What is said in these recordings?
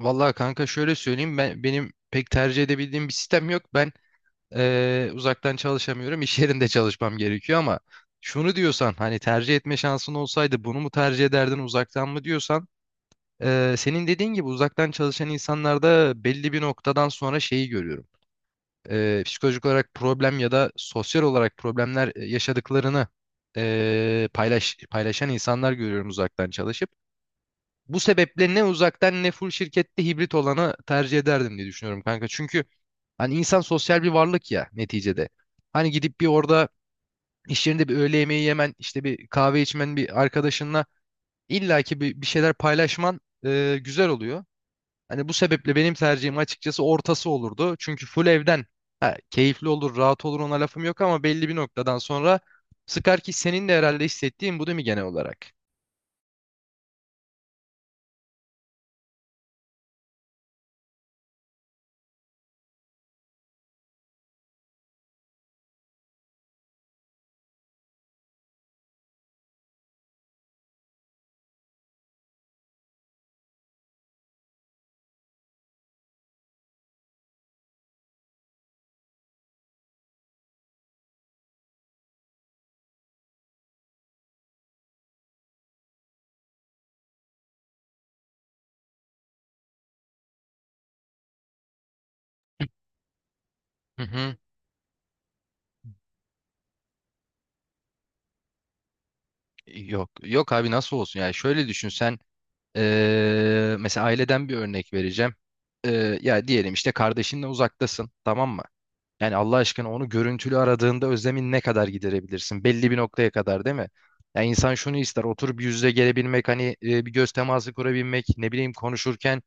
Vallahi kanka şöyle söyleyeyim ben benim pek tercih edebildiğim bir sistem yok. Ben uzaktan çalışamıyorum. İş yerinde çalışmam gerekiyor ama şunu diyorsan hani tercih etme şansın olsaydı bunu mu tercih ederdin uzaktan mı diyorsan senin dediğin gibi uzaktan çalışan insanlarda belli bir noktadan sonra şeyi görüyorum. Psikolojik olarak problem ya da sosyal olarak problemler yaşadıklarını paylaşan insanlar görüyorum uzaktan çalışıp. Bu sebeple ne uzaktan ne full şirkette hibrit olanı tercih ederdim diye düşünüyorum kanka. Çünkü hani insan sosyal bir varlık ya neticede. Hani gidip bir orada iş yerinde bir öğle yemeği yemen, işte bir kahve içmen bir arkadaşınla illaki bir şeyler paylaşman güzel oluyor. Hani bu sebeple benim tercihim açıkçası ortası olurdu. Çünkü full evden ha, keyifli olur, rahat olur ona lafım yok ama belli bir noktadan sonra sıkar ki senin de herhalde hissettiğin bu değil mi genel olarak? Hı hı. Yok yok abi nasıl olsun yani şöyle düşün sen. Mesela aileden bir örnek vereceğim. Ya diyelim işte kardeşinle uzaktasın, tamam mı? Yani Allah aşkına onu görüntülü aradığında özlemin ne kadar giderebilirsin? Belli bir noktaya kadar değil mi? Ya insan şunu ister, oturup yüz yüze gelebilmek, hani bir göz teması kurabilmek, ne bileyim konuşurken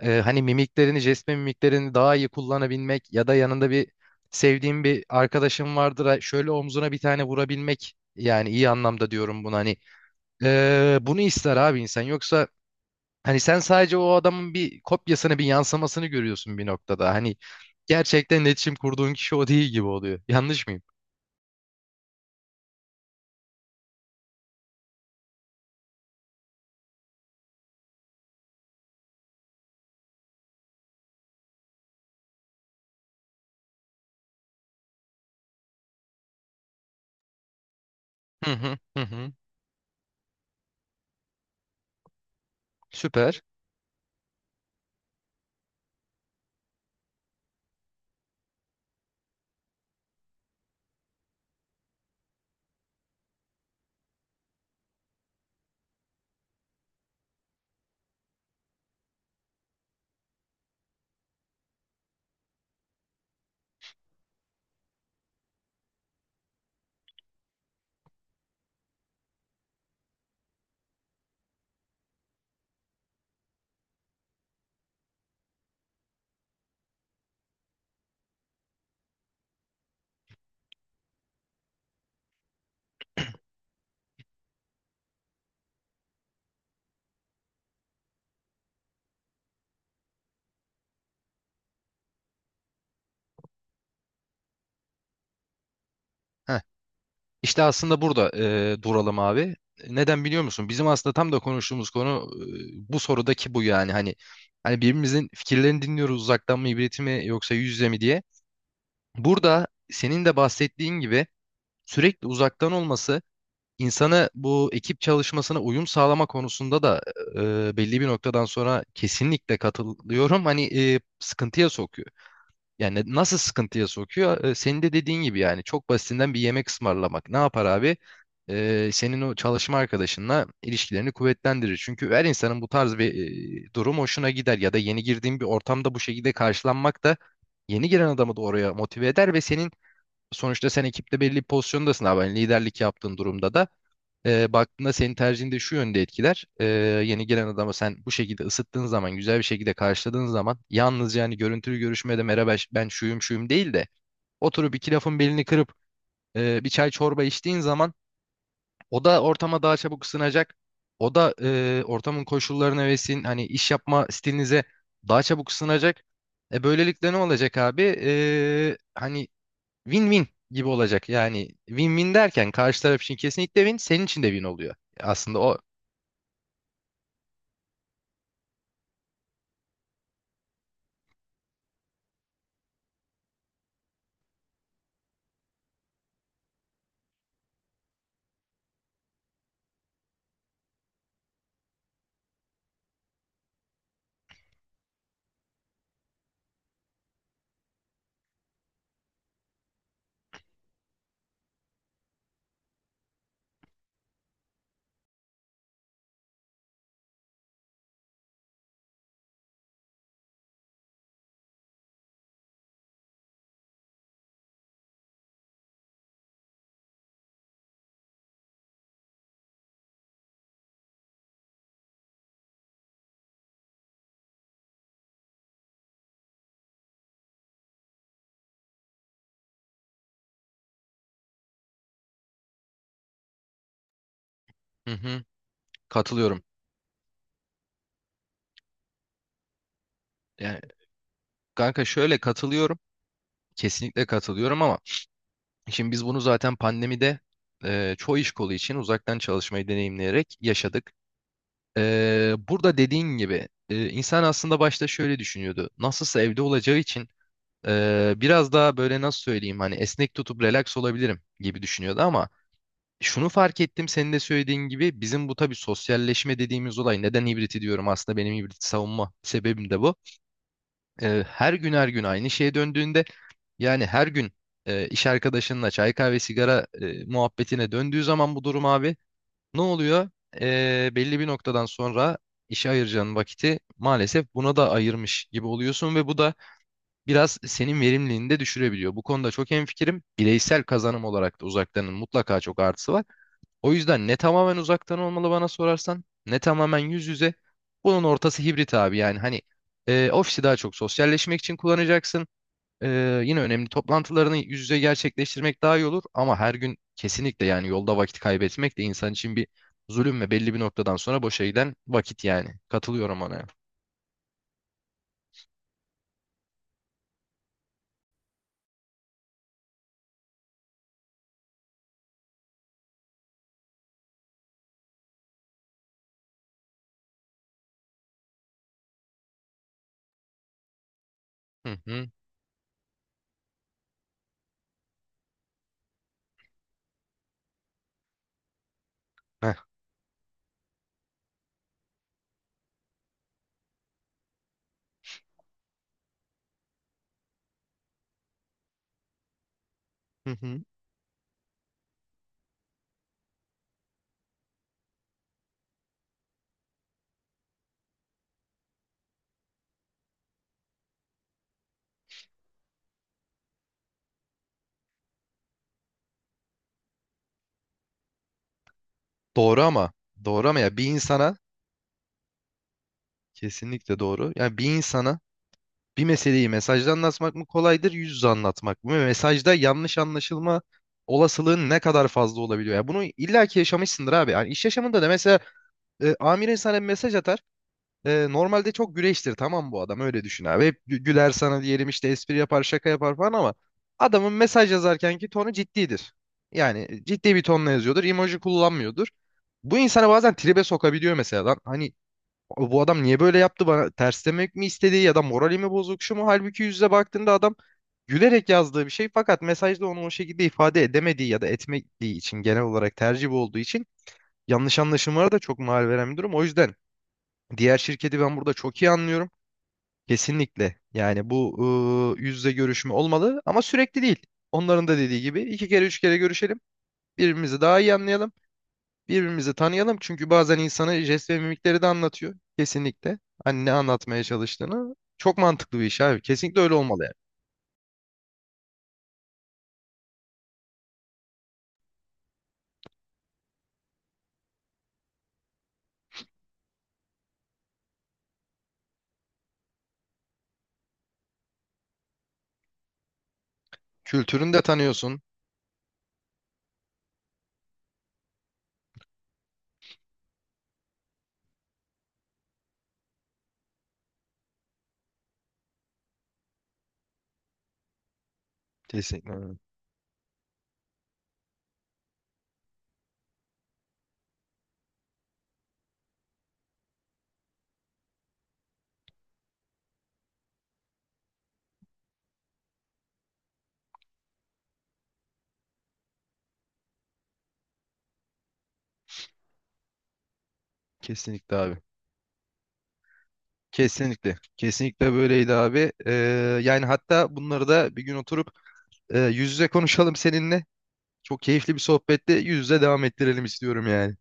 hani jest ve mimiklerini daha iyi kullanabilmek ya da yanında bir sevdiğin bir arkadaşın vardır, ha, şöyle omzuna bir tane vurabilmek. Yani iyi anlamda diyorum bunu hani. Bunu ister abi insan. Yoksa hani sen sadece o adamın bir kopyasını, bir yansımasını görüyorsun bir noktada. Hani gerçekten iletişim kurduğun kişi o değil gibi oluyor. Yanlış mıyım? Hı hı hı hı. Süper. Heh. İşte aslında burada duralım abi. Neden biliyor musun? Bizim aslında tam da konuştuğumuz konu bu sorudaki bu yani. Hani birbirimizin fikirlerini dinliyoruz uzaktan mı, hibrit mi yoksa yüz yüze mi diye. Burada senin de bahsettiğin gibi sürekli uzaktan olması insanı bu ekip çalışmasına uyum sağlama konusunda da belli bir noktadan sonra kesinlikle katılıyorum. Hani sıkıntıya sokuyor. Yani nasıl sıkıntıya sokuyor? Senin de dediğin gibi yani çok basitinden bir yemek ısmarlamak. Ne yapar abi? Senin o çalışma arkadaşınla ilişkilerini kuvvetlendirir. Çünkü her insanın bu tarz bir durum hoşuna gider ya da yeni girdiğin bir ortamda bu şekilde karşılanmak da yeni giren adamı da oraya motive eder ve senin sonuçta sen ekipte belli bir pozisyondasın abi. Yani liderlik yaptığın durumda da baktığında senin tercihini şu yönde etkiler. Yeni gelen adama sen bu şekilde ısıttığın zaman, güzel bir şekilde karşıladığın zaman yalnız yani görüntülü görüşmede merhaba ben şuyum şuyum değil de oturup iki lafın belini kırıp bir çay çorba içtiğin zaman o da ortama daha çabuk ısınacak. O da ortamın koşullarına ve sizin hani iş yapma stilinize daha çabuk ısınacak. Böylelikle ne olacak abi? Hani win-win gibi olacak. Yani win-win derken karşı taraf için kesinlikle win, senin için de win oluyor aslında o. Hı hı, katılıyorum. Yani kanka şöyle katılıyorum. Kesinlikle katılıyorum ama şimdi biz bunu zaten pandemide çoğu iş kolu için uzaktan çalışmayı deneyimleyerek yaşadık. Burada dediğin gibi insan aslında başta şöyle düşünüyordu. Nasılsa evde olacağı için biraz daha böyle nasıl söyleyeyim hani esnek tutup relax olabilirim gibi düşünüyordu ama şunu fark ettim senin de söylediğin gibi bizim bu tabii sosyalleşme dediğimiz olay neden hibrit diyorum aslında benim hibrit savunma sebebim de bu. Her gün her gün aynı şeye döndüğünde yani her gün iş arkadaşınla çay kahve sigara muhabbetine döndüğü zaman bu durum abi ne oluyor? Belli bir noktadan sonra işe ayıracağın vakiti maalesef buna da ayırmış gibi oluyorsun ve bu da biraz senin verimliliğini de düşürebiliyor. Bu konuda çok hemfikirim. Bireysel kazanım olarak da uzaktanın mutlaka çok artısı var. O yüzden ne tamamen uzaktan olmalı bana sorarsan ne tamamen yüz yüze. Bunun ortası hibrit abi yani hani ofisi daha çok sosyalleşmek için kullanacaksın. Yine önemli toplantılarını yüz yüze gerçekleştirmek daha iyi olur ama her gün kesinlikle yani yolda vakit kaybetmek de insan için bir zulüm ve belli bir noktadan sonra boşa giden vakit yani. Katılıyorum ona. Hı hı. Heh. Hı hı. Doğru ama doğru ama ya bir insana kesinlikle doğru. Yani bir insana bir meseleyi mesajda anlatmak mı kolaydır, yüz yüze anlatmak mı? Ve mesajda yanlış anlaşılma olasılığın ne kadar fazla olabiliyor? Ya bunu illaki yaşamışsındır abi. Yani iş yaşamında da mesela amirin sana bir mesaj atar. Normalde çok güreştir tamam bu adam öyle düşün abi. Hep güler sana diyelim işte espri yapar şaka yapar falan ama adamın mesaj yazarkenki tonu ciddidir. Yani ciddi bir tonla yazıyordur. Emoji kullanmıyordur. Bu insana bazen tribe sokabiliyor mesela lan. Hani bu adam niye böyle yaptı bana ters demek mi istedi ya da moralimi bozuk şu mu? Halbuki yüzle baktığında adam gülerek yazdığı bir şey fakat mesajda onu o şekilde ifade edemediği ya da etmediği için genel olarak tercih bu olduğu için yanlış anlaşılmalara da çok mal veren bir durum. O yüzden diğer şirketi ben burada çok iyi anlıyorum. Kesinlikle yani bu yüzle görüşme olmalı ama sürekli değil. Onların da dediği gibi iki kere üç kere görüşelim birbirimizi daha iyi anlayalım. Birbirimizi tanıyalım çünkü bazen insana jest ve mimikleri de anlatıyor. Kesinlikle. Hani ne anlatmaya çalıştığını. Çok mantıklı bir iş abi. Kesinlikle öyle olmalı yani. Kültürünü de tanıyorsun. Kesinlikle abi. Kesinlikle abi. Kesinlikle. Kesinlikle böyleydi abi. Yani hatta bunları da bir gün oturup yüz yüze konuşalım seninle. Çok keyifli bir sohbette yüz yüze devam ettirelim istiyorum yani.